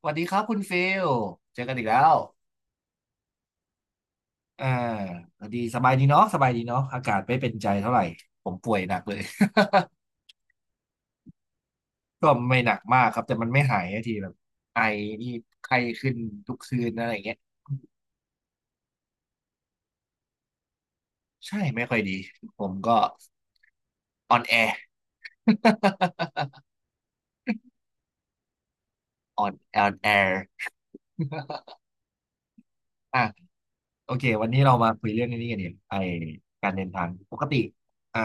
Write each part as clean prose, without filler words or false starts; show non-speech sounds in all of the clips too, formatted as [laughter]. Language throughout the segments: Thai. สวัสดีครับคุณฟิลเจอกันอีกแล้วอ่าสวัสดีสบายดีเนาะสบายดีเนาะอากาศไม่เป็นใจเท่าไหร่ ผมป่วยหนักเลย [laughs] ก็ไม่หนักมากครับ แต่มันไม่หายสักทีแบบไอนี่ไข้ขึ้นทุกคืนอะไรอย่างเงี้ยใช่ ไม่ค่อยดี ผมก็ออนแอร์ [laughs] ออนแอร์ [laughs] อ่ะโอเค วันนี้เรามาคุยเรื่องนี้กันเนี่ยไอการเดินทาง ปกติอ่า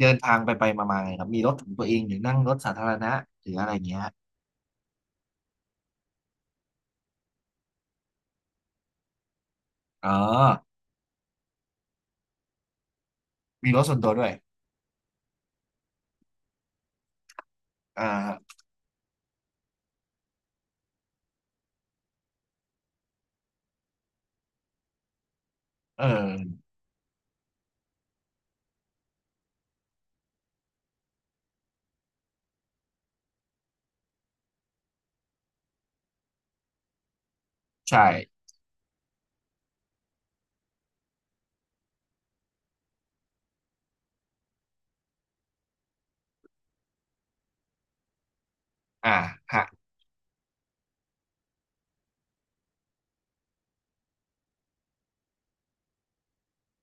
เดินทางไปมาๆไงครับมีรถของตัวเองหรือนั่งรถสาธารณะหรืออะไรเงี้ย อ๋อมีรถส่วนตัวด้วยอ่าเออใช่อ่าฮะ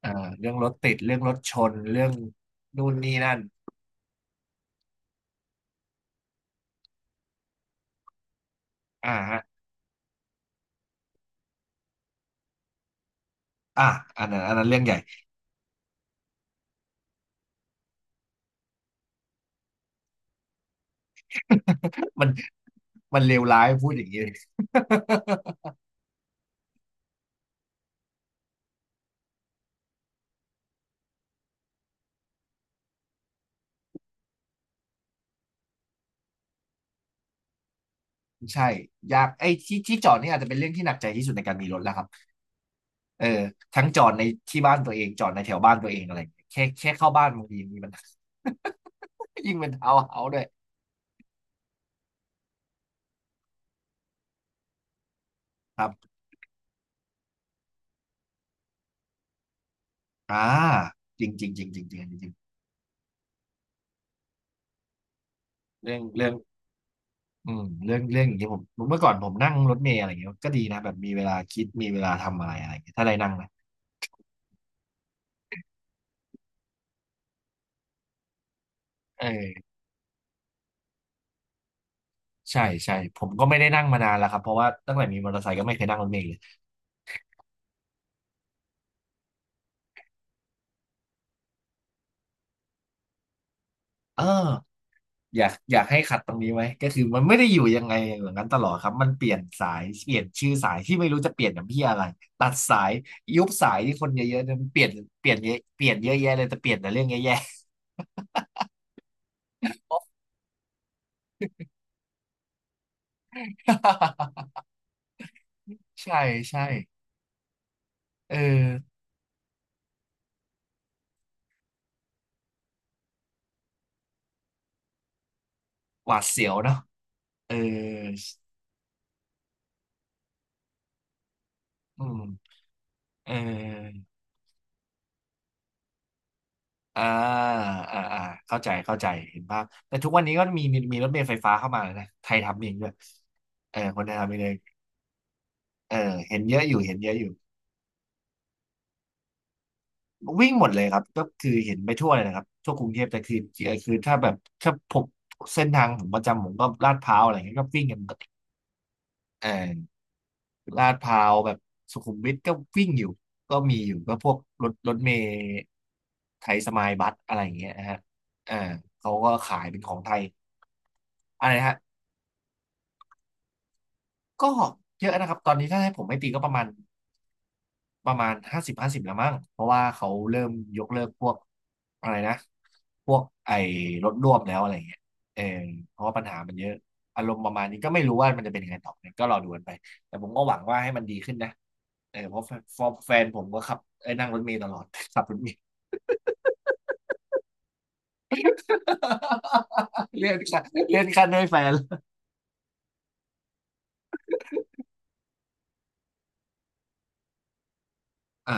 อ่าเรื่องรถติด เรื่องรถชน เรื่องนู่นนี่นั่นอ่าฮะอ่าอันนั้นเรื่องใหญ่ [laughs] มันมันเลวร้ายพูดอย่างนี้ [laughs] เลย [laughs] ใช่ยากไอ้ที่จอดนี่อาจจะเป็นเรื่องที่หนักใจที่สุดในการมีรถแล้วครับเออทั้งจอดในที่บ้านตัวเองจอดในแถวบ้านตัวเองอะไรอย่างเงี้ยแค่เข้าบ้านบางทีมีมัน [laughs] ยิ่งเป็นทาวน์เฮาส์ด้วยครับอ่าจริงจริงจริงจริงจริงจริงเรื่อง อืมเรื่องอย่างนี้ยผมเมื่อก่อนผมนั่งรถเมล์อะไรเงี้ยก็ดีนะแบบมีเวลาคิดมีเวลาทำอะไรอะไรเงี้ยถ้าได้นั่งนะเออใช่ใช่ผมก็ไม่ได้นั่งมานานแล้วครับเพราะว่าตั้งแต่มีมอเตอร์ไซค์ก็ไม่เคยนั่งรถเมล์เลยเอออยากให้ขัดตรงนี้ไว้ก็คือมันไม่ได้อยู่ยังไงอย่างนั้นตลอดครับมันเปลี่ยนสายเปลี่ยนชื่อสายที่ไม่รู้จะเปลี่ยนอย่างพี่อะไรตัดสายยุบสายที่คนเยอะๆเนี่ยมันเปลี่ยนเปลี่ยนเยอะเปลี่ยนเยอะแยะเลยแต่เปลี่ยนแต่เรื่องแย่ๆ [laughs] ใช่ใช่เออหวาดเสียวเนาะเอออืม เอออ่าอ่าอ่าเข้าใจเข้าใจเห็นภาพแต่ทุกวันนี้ก็มีรถเมล์ไฟฟ้าเข้ามาแล้วนะไทยทำเองด้วยเออคนไทยทำเองเลยเออเห็นเยอะอยู่เห็นเยอะอยู่วิ่งหมดเลยครับก็คือเห็นไปทั่วเลยนะครับทั่วกรุงเทพแต่คือคือถ้าแบบถ้าผมเส้นทางผมประจำผมก็ลาดพร้าวอะไรอย่างเงี้ยก็วิ่งกันปกติเออลาดพร้าวแบบสุขุมวิทก็วิ่งอยู่ก็มีอยู่ก็พวกรถเมล์ไทยสมายบัสอะไรอย่างเงี้ยนะฮะเอ่เขาก็ขายเป็นของไทย อะไรฮะก็เยอะนะครับตอนนี้ถ้าให้ผมไม่ตีก็ประมาณห้าสิบห้าสิบแล้วมั้งเพราะว่าเขาเริ่มยกเลิกพวกอะไรนะพวกไอ้รถร่วมแล้วอะไรเงี้ยเออเพราะว่าปัญหามันเยอะอารมณ์ประมาณนี้ก็ไม่รู้ว่ามันจะเป็นยังไงต่อไปก็รอดูกันไปแต่ผมก็หวังว่าให้มันดีขึ้นนะเออเพราะแฟนผมก็ขับเอ้ยนั่งรถเมล์ตลอด [laughs] ขับรถเมล์ [laughs] เลื่อนขั้นด้วยแฟนอ่ะ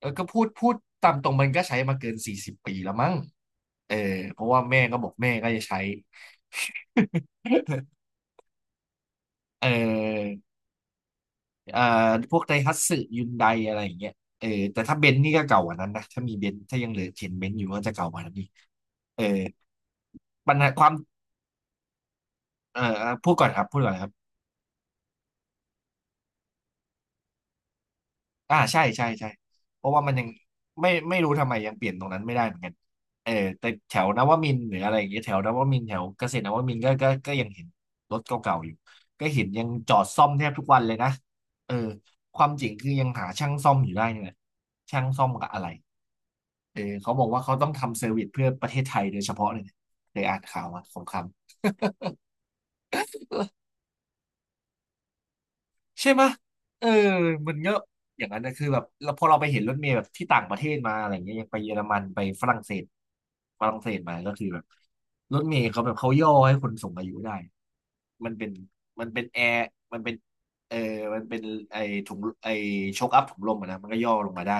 แล้วก็พูดตามตรงมันก็ใช้มาเกิน40 ปีแล้วมั้ง เออเพราะว่าแม่ก็บอกแม่ก็จะใช้เออเอ่อพวกไดฮัตสึยุนไดอะไรอย่างเงี้ยเออแต่ถ้าเบนซ์นี่ก็เก่ากว่านั้นนะถ้ามีเบนซ์ถ้ายังเหลือเห็นเบนซ์อยู่ก็จะเก่ากว่านั้นอีกเออปัญหาความเอ่อพูดก่อนครับ อ่าใช่ใช่ใช่เพราะว่ามันยังไม่รู้ทำไมยังเปลี่ยนตรงนั้นไม่ได้เหมือนกันเออแต่แถวนวมินทร์หรืออะไรอย่างเงี้ยแถวนวมินทร์แถวเกษตรนวมินทร์ก็ยังเห็นรถเก่าๆอยู่ก็เห็นยังจอดซ่อมแทบทุกวันเลยนะเออความจริงคือยังหาช่างซ่อมอยู่ได้นี่แหละช่างซ่อมกับอะไรเออเขาบอกว่าเขาต้องทำเซอร์วิสเพื่อประเทศไทยโดยเฉพาะเลยนะเคยอ่านข่าวมาสงคราม ใช่ไหมะเออมันเยอะอย่างนั้นนะคือแบบเราพอเราไปเห็นรถเมล์แบบที่ต่างประเทศมาอะไรเงี้ยอย่างไปเยอรมันไปฝรั่งเศสฝรั่งเศสมาก็คือแบบรถเมล์เขาแบบเขาย่อให้คนสูงอายุได้มันเป็นมันเป็นแอร์มันเป็นเออมันเป็นไอถุงไอช็อคอัพถุงลมอะนะมันก็ย่อลงมาได้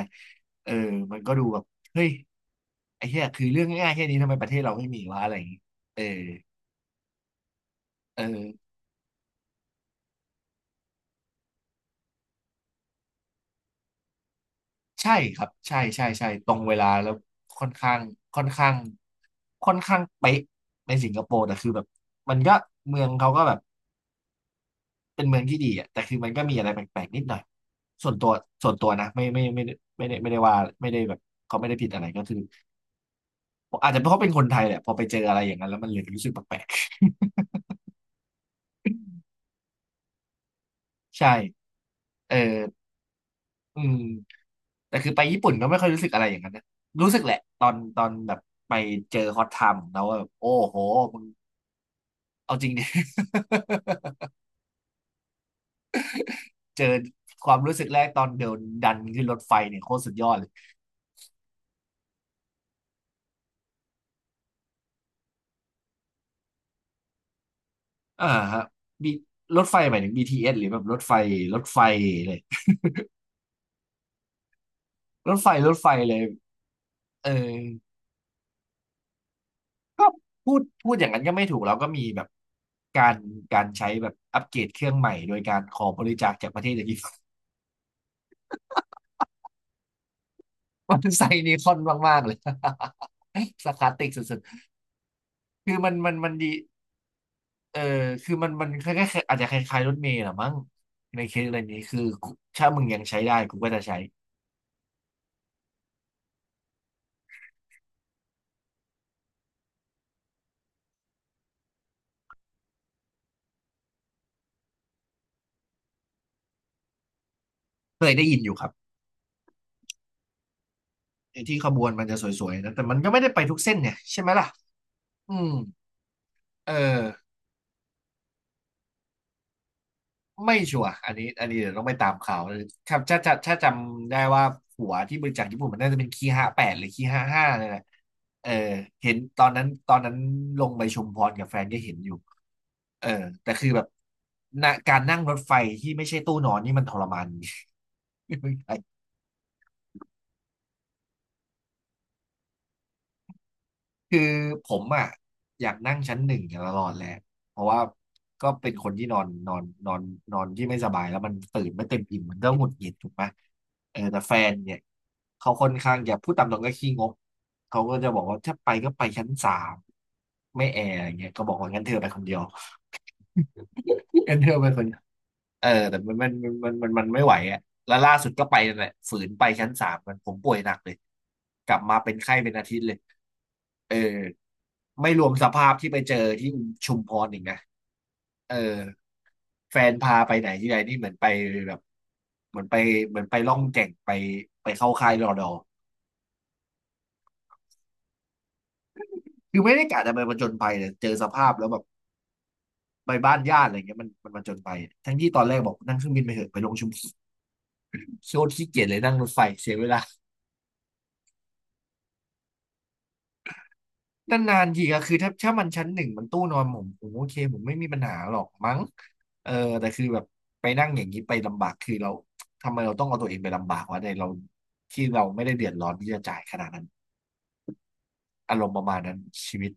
เออมันก็ดูแบบเฮ้ยไอ้เหี้ยคือเรื่องง่ายๆแค่นี้ทำไมประเทศเราไม่มีวะอะไรอย่างงี้เออเออ ใช่ครับใช่ใช่ใช่ตรงเวลาแล้วค่อนข้างค่อนข้างค่อนข้างเป๊ะในสิงคโปร์แต่คือแบบมันก็เมืองเขาก็แบบเป็นเมืองที่ดีอ่ะแต่คือมันก็มีอะไรแปลกๆนิดหน่อยส่วนตัวส่วนตัวนะไม่ได้ไม่ได้ว่าไม่ได้แบบเขาไม่ได้ผิดอะไรก็คืออาจจะเพราะเขาเป็นคนไทยแหละพอไปเจออะไรอย่างนั้นแล้วมันเลยรู้สึกแปลกๆ [laughs] ใช่เอออืมแต่คือไปญี่ปุ่นก็ไม่ค่อยรู้สึกอะไรอย่างนั้นนะรู้สึกแหละตอนแบบไปเจอฮอตไทม์ของเราว่าแบบโอ้โห เอาจริงเนี่ย [laughs] เจอความรู้สึกแรกตอนเดินดันขึ้นรถไฟเนี่ยโคตรสุดยอดเลยอ่าฮะมีรถไฟหมายถึง BTS หรือแบบรถไฟรถไฟเลยรถไฟเลยเออก็พูดอย่างนั้นก็ไม่ถูกแล้วก็มีแบบการการใช้แบบอัปเกรดเครื่องใหม่โดยการขอบริจาคจากประเทศอย่าง [laughs] นี้ [laughs] มันใส่นีคอนมากๆเลย [laughs] สารคาติกสุดๆคือมันดี เออคือมันมันคล้ายๆอาจจะคล้ายๆรถเมล์แหละมั้งในเคสอะไรนี้คือถ้ามึงยังใช้ได้กูก็จะใช้เคยได้ยินอยู่ครับไอ้ที่ขบวนมันจะสวยๆนะแต่มันก็ไม่ได้ไปทุกเส้นเนี่ยใช่ไหมล่ะอืมเออไม่ชัวร์อันนี้เดี๋ยวต้องไปตามข่าวครับถ้าจำได้ว่าหัวที่บริจาคญี่ปุ่นมันน่าจะเป็นคีห้าแปดหรือคีห้าห้าเนี่ยแหละเออเห็นตอนนั้นลงไปชุมพรกับแฟนก็เห็นอยู่เออแต่คือแบบนะการนั่งรถไฟที่ไม่ใช่ตู้นอนนี่มันทรมาน ไม่ใช่คือผมอ่ะอยากนั่งชั้นหนึ่งตลอดแหละเพราะว่าก็เป็นคนที่นอนนอนที่ไม่สบายแล้วมันตื่นไม่เต็มอิ่มมันก็หงุดหงิดถูกไหมเออแต่แฟนเนี่ยเขาค่อนข้างจะพูดตามตรงก็ขี้งกเขาก็จะบอกว่าถ้าไปก็ไปชั้นสามไม่แอร์อย่างเงี้ยก็บอกว่างั้นเธอไปคนเดียว [laughs] งั้นเธอไปคน เออแต่มันไม่ไหวอ่ะแล้วล่าสุดก็ไปนั่นแหละฝืนไปชั้นสามมันผมป่วยหนักเลยกลับมาเป็นไข้เป็นอาทิตย์เลยเออไม่รวมสภาพที่ไปเจอที่ชุมพรอีกนะเออแฟนพาไปไหนที่ไหนนี่เหมือนไปแบบเหมือนไปเหมือนไปล่องแก่งไปเข้าค่ายรอดอคือไม่ได้กะจะไปผจญภัยเลยเจอสภาพแล้วแบบไปบ้านญาติอะไรเงี้ยมันมันผจญภัยทั้งที่ตอนแรกบอกนั่งเครื่องบินไปเถอะไปลงชุมโซนขี้เกียจเลยนั่งรถไฟเสียเวลา นานนทีก็คือถ้าถ้ามันชั้นหนึ่งมันตู้นอนผมโอเคผมไม่มีปัญหาหรอกมั้งเออแต่คือแบบไปนั่งอย่างนี้ไปลำบากคือเราทำไมเราต้องเอาตัวเองไปลำบากวะในเราที่เราไม่ได้เดือดร้อนที่จะจ่ายขนาดนั้นอารมณ์ประมาณนั้นชีวิต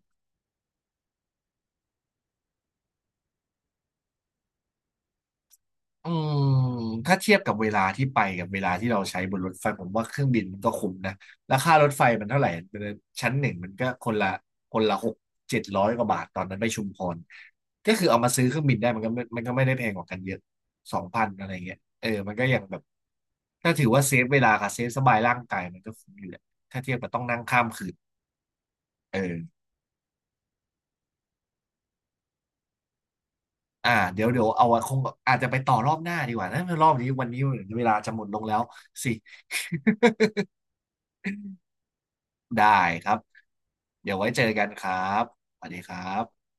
อืมถ้าเทียบกับเวลาที่ไปกับเวลาที่เราใช้บนรถไฟผมว่าเครื่องบินมันก็คุ้มนะราคารถไฟมันเท่าไหร่มันชั้นหนึ่งมันก็คนละหกเจ็ดร้อยกว่าบาทตอนนั้นไปชุมพรก็คือเอามาซื้อเครื่องบินได้มันก็ไม่ได้แพงกว่ากันเยอะสองพันอะไรเงี้ยเออมันก็ยังแบบถ้าถือว่าเซฟเวลากับเซฟสบายร่างกายมันก็คุ้มอยู่แหละถ้าเทียบกับต้องนั่งข้ามคืนเอออ่าเดี๋ยวเอาไว้คงอาจจะไปต่อรอบหน้าดีกว่านะรอบนี้วันนี้เวลาจะหมดลงแล้วสิได้ครับ เดี๋ยวไว้เจอกันครับสวัสดีครับ